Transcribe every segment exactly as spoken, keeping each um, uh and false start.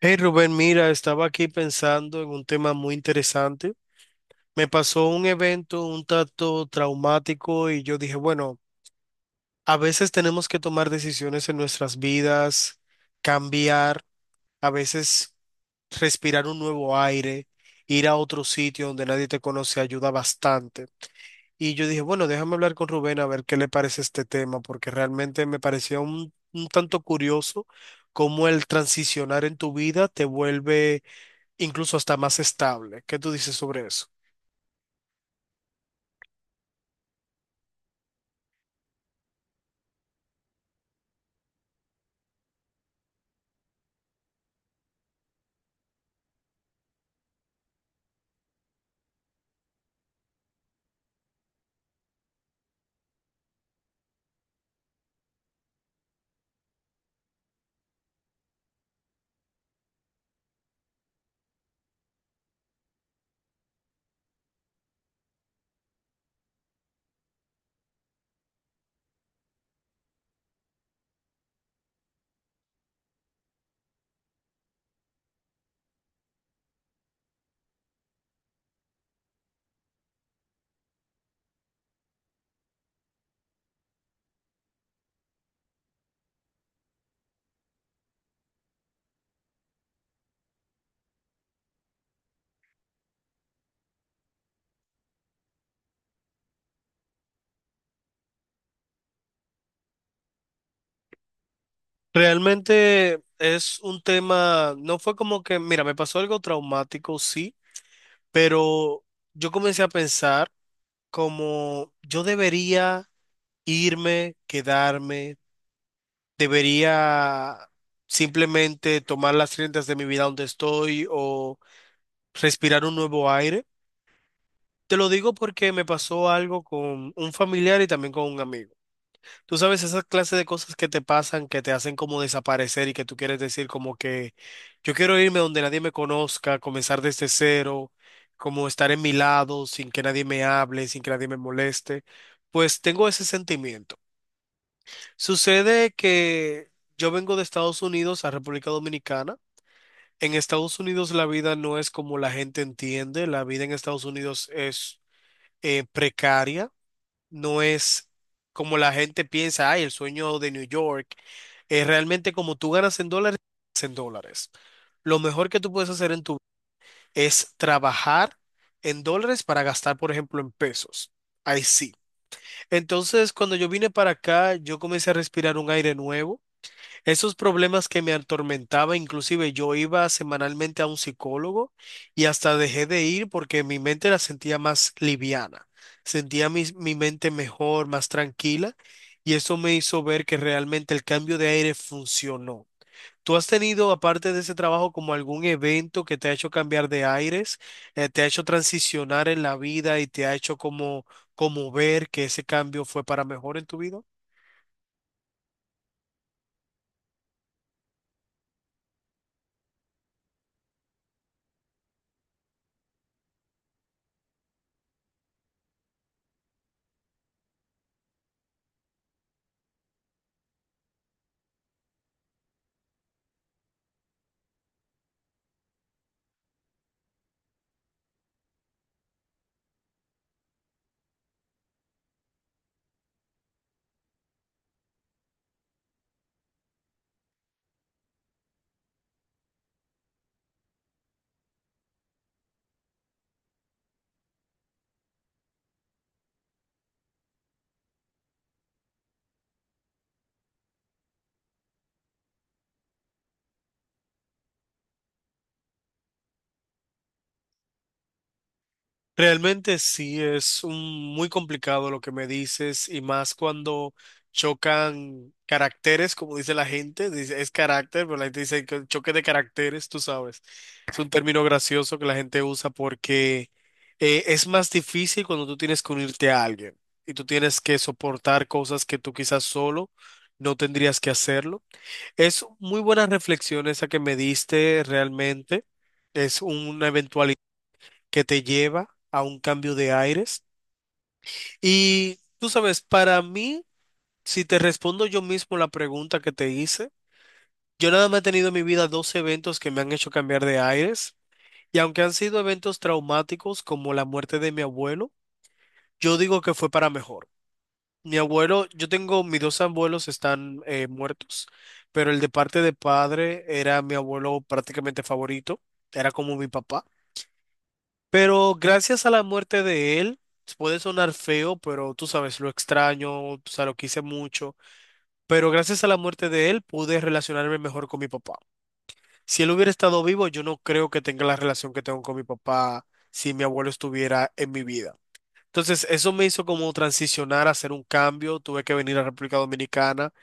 Hey Rubén, mira, estaba aquí pensando en un tema muy interesante. Me pasó un evento un tanto traumático y yo dije, bueno, a veces tenemos que tomar decisiones en nuestras vidas, cambiar, a veces respirar un nuevo aire, ir a otro sitio donde nadie te conoce ayuda bastante. Y yo dije, bueno, déjame hablar con Rubén a ver qué le parece este tema, porque realmente me parecía un, un tanto curioso cómo el transicionar en tu vida te vuelve incluso hasta más estable. ¿Qué tú dices sobre eso? Realmente es un tema, no fue como que, mira, me pasó algo traumático, sí, pero yo comencé a pensar como yo debería irme, quedarme, debería simplemente tomar las riendas de mi vida donde estoy o respirar un nuevo aire. Te lo digo porque me pasó algo con un familiar y también con un amigo. Tú sabes, esa clase de cosas que te pasan, que te hacen como desaparecer y que tú quieres decir como que yo quiero irme donde nadie me conozca, comenzar desde cero, como estar en mi lado sin que nadie me hable, sin que nadie me moleste, pues tengo ese sentimiento. Sucede que yo vengo de Estados Unidos a República Dominicana. En Estados Unidos la vida no es como la gente entiende, la vida en Estados Unidos es eh, precaria, no es como la gente piensa, ay, el sueño de New York. Es realmente como tú ganas en dólares, en dólares. Lo mejor que tú puedes hacer en tu vida es trabajar en dólares para gastar, por ejemplo, en pesos. Ahí sí. Entonces, cuando yo vine para acá, yo comencé a respirar un aire nuevo. Esos problemas que me atormentaba, inclusive yo iba semanalmente a un psicólogo y hasta dejé de ir porque mi mente la sentía más liviana, sentía mi, mi mente mejor, más tranquila y eso me hizo ver que realmente el cambio de aire funcionó. ¿Tú has tenido, aparte de ese trabajo, como algún evento que te ha hecho cambiar de aires, eh, te ha hecho transicionar en la vida y te ha hecho como, como ver que ese cambio fue para mejor en tu vida? Realmente sí es un- muy complicado lo que me dices y más cuando chocan caracteres, como dice la gente, dice, es carácter, pero la gente dice que choque de caracteres, tú sabes. Es un término gracioso que la gente usa porque eh, es más difícil cuando tú tienes que unirte a alguien y tú tienes que soportar cosas que tú quizás solo no tendrías que hacerlo. Es muy buenas reflexiones esa que me diste realmente. Es una eventualidad que te lleva a un cambio de aires. Y tú sabes, para mí, si te respondo yo mismo la pregunta que te hice, yo nada más he tenido en mi vida dos eventos que me han hecho cambiar de aires. Y aunque han sido eventos traumáticos como la muerte de mi abuelo, yo digo que fue para mejor. Mi abuelo, yo tengo, mis dos abuelos están eh, muertos, pero el de parte de padre era mi abuelo prácticamente favorito, era como mi papá. Pero gracias a la muerte de él, puede sonar feo, pero tú sabes, lo extraño, o sea, lo quise mucho, pero gracias a la muerte de él pude relacionarme mejor con mi papá. Si él hubiera estado vivo, yo no creo que tenga la relación que tengo con mi papá si mi abuelo estuviera en mi vida. Entonces, eso me hizo como transicionar, hacer un cambio, tuve que venir a República Dominicana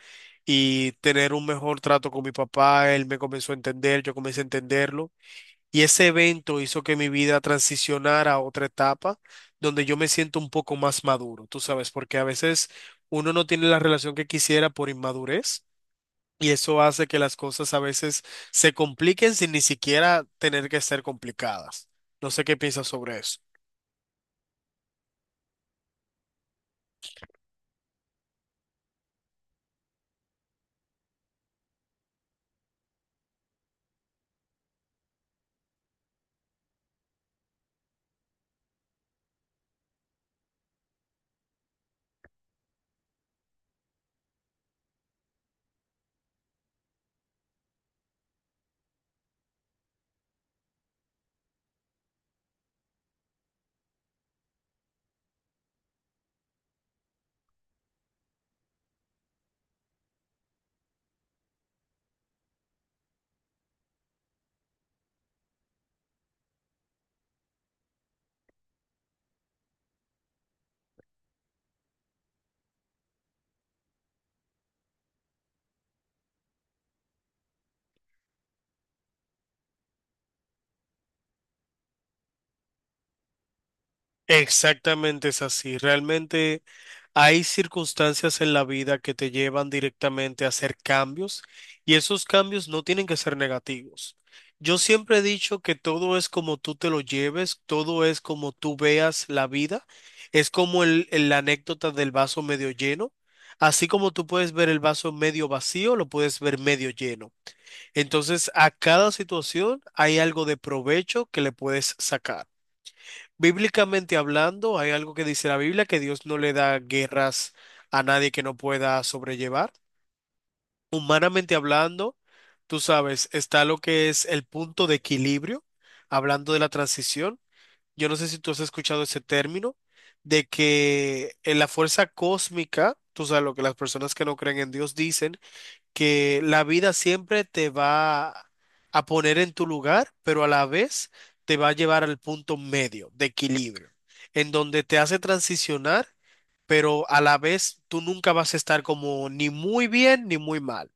y tener un mejor trato con mi papá. Él me comenzó a entender, yo comencé a entenderlo. Y ese evento hizo que mi vida transicionara a otra etapa donde yo me siento un poco más maduro, tú sabes, porque a veces uno no tiene la relación que quisiera por inmadurez. Y eso hace que las cosas a veces se compliquen sin ni siquiera tener que ser complicadas. No sé qué piensas sobre eso. Exactamente es así. Realmente, hay circunstancias en la vida que te llevan directamente a hacer cambios y esos cambios no tienen que ser negativos. Yo siempre he dicho que todo es como tú te lo lleves, todo es como tú veas la vida. Es como el, el- la anécdota del vaso medio lleno. Así como tú puedes ver el vaso medio vacío, lo puedes ver medio lleno. Entonces, a cada situación hay algo de provecho que le puedes sacar. Bíblicamente hablando, hay algo que dice la Biblia, que Dios no le da guerras a nadie que no pueda sobrellevar. Humanamente hablando, tú sabes, está lo que es el punto de equilibrio, hablando de la transición. Yo no sé si tú has escuchado ese término, de que en la fuerza cósmica, tú sabes lo que las personas que no creen en Dios dicen, que la vida siempre te va a poner en tu lugar, pero a la vez te va a llevar al punto medio de equilibrio, en donde te hace transicionar, pero a la vez tú nunca vas a estar como ni muy bien ni muy mal.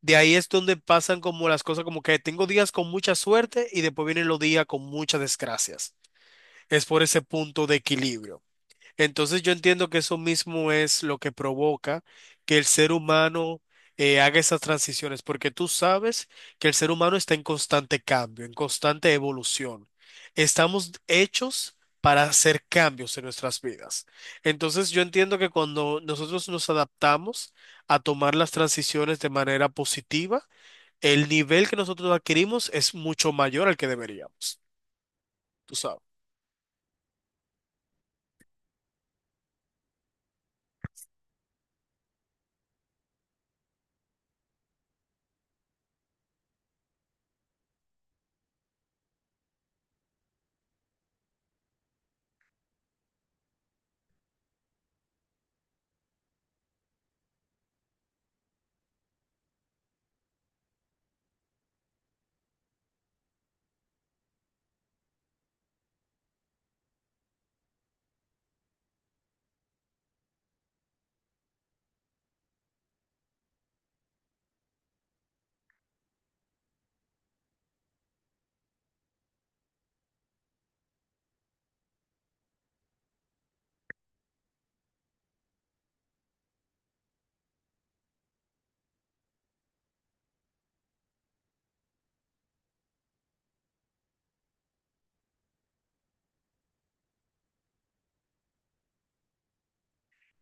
De ahí es donde pasan como las cosas, como que tengo días con mucha suerte y después vienen los días con muchas desgracias. Es por ese punto de equilibrio. Entonces yo entiendo que eso mismo es lo que provoca que el ser humano eh, haga esas transiciones, porque tú sabes que el ser humano está en constante cambio, en constante evolución. Estamos hechos para hacer cambios en nuestras vidas. Entonces yo entiendo que cuando nosotros nos adaptamos a tomar las transiciones de manera positiva, el nivel que nosotros adquirimos es mucho mayor al que deberíamos. Tú sabes.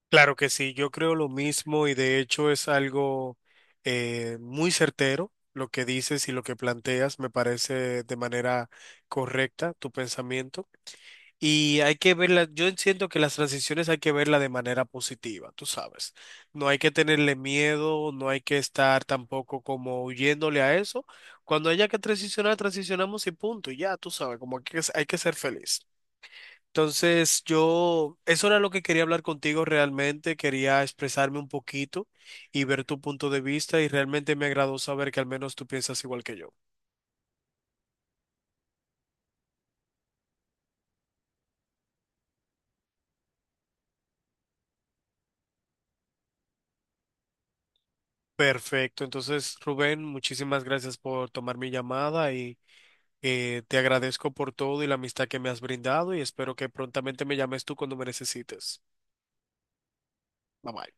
Claro que sí, yo creo lo mismo y de hecho es algo eh, muy certero lo que dices y lo que planteas, me parece de manera correcta tu pensamiento. Y hay que verla, yo siento que las transiciones hay que verla de manera positiva, tú sabes. No hay que tenerle miedo, no hay que estar tampoco como huyéndole a eso. Cuando haya que transicionar, transicionamos y punto, y ya, tú sabes, como que es- hay que ser feliz. Entonces, yo, eso era lo que quería hablar contigo realmente, quería expresarme un poquito y ver tu punto de vista y realmente me agradó saber que al menos tú piensas igual que yo. Perfecto, entonces Rubén, muchísimas gracias por tomar mi llamada y eh, te agradezco por todo y la amistad que me has brindado y espero que prontamente me llames tú cuando me necesites. Bye bye.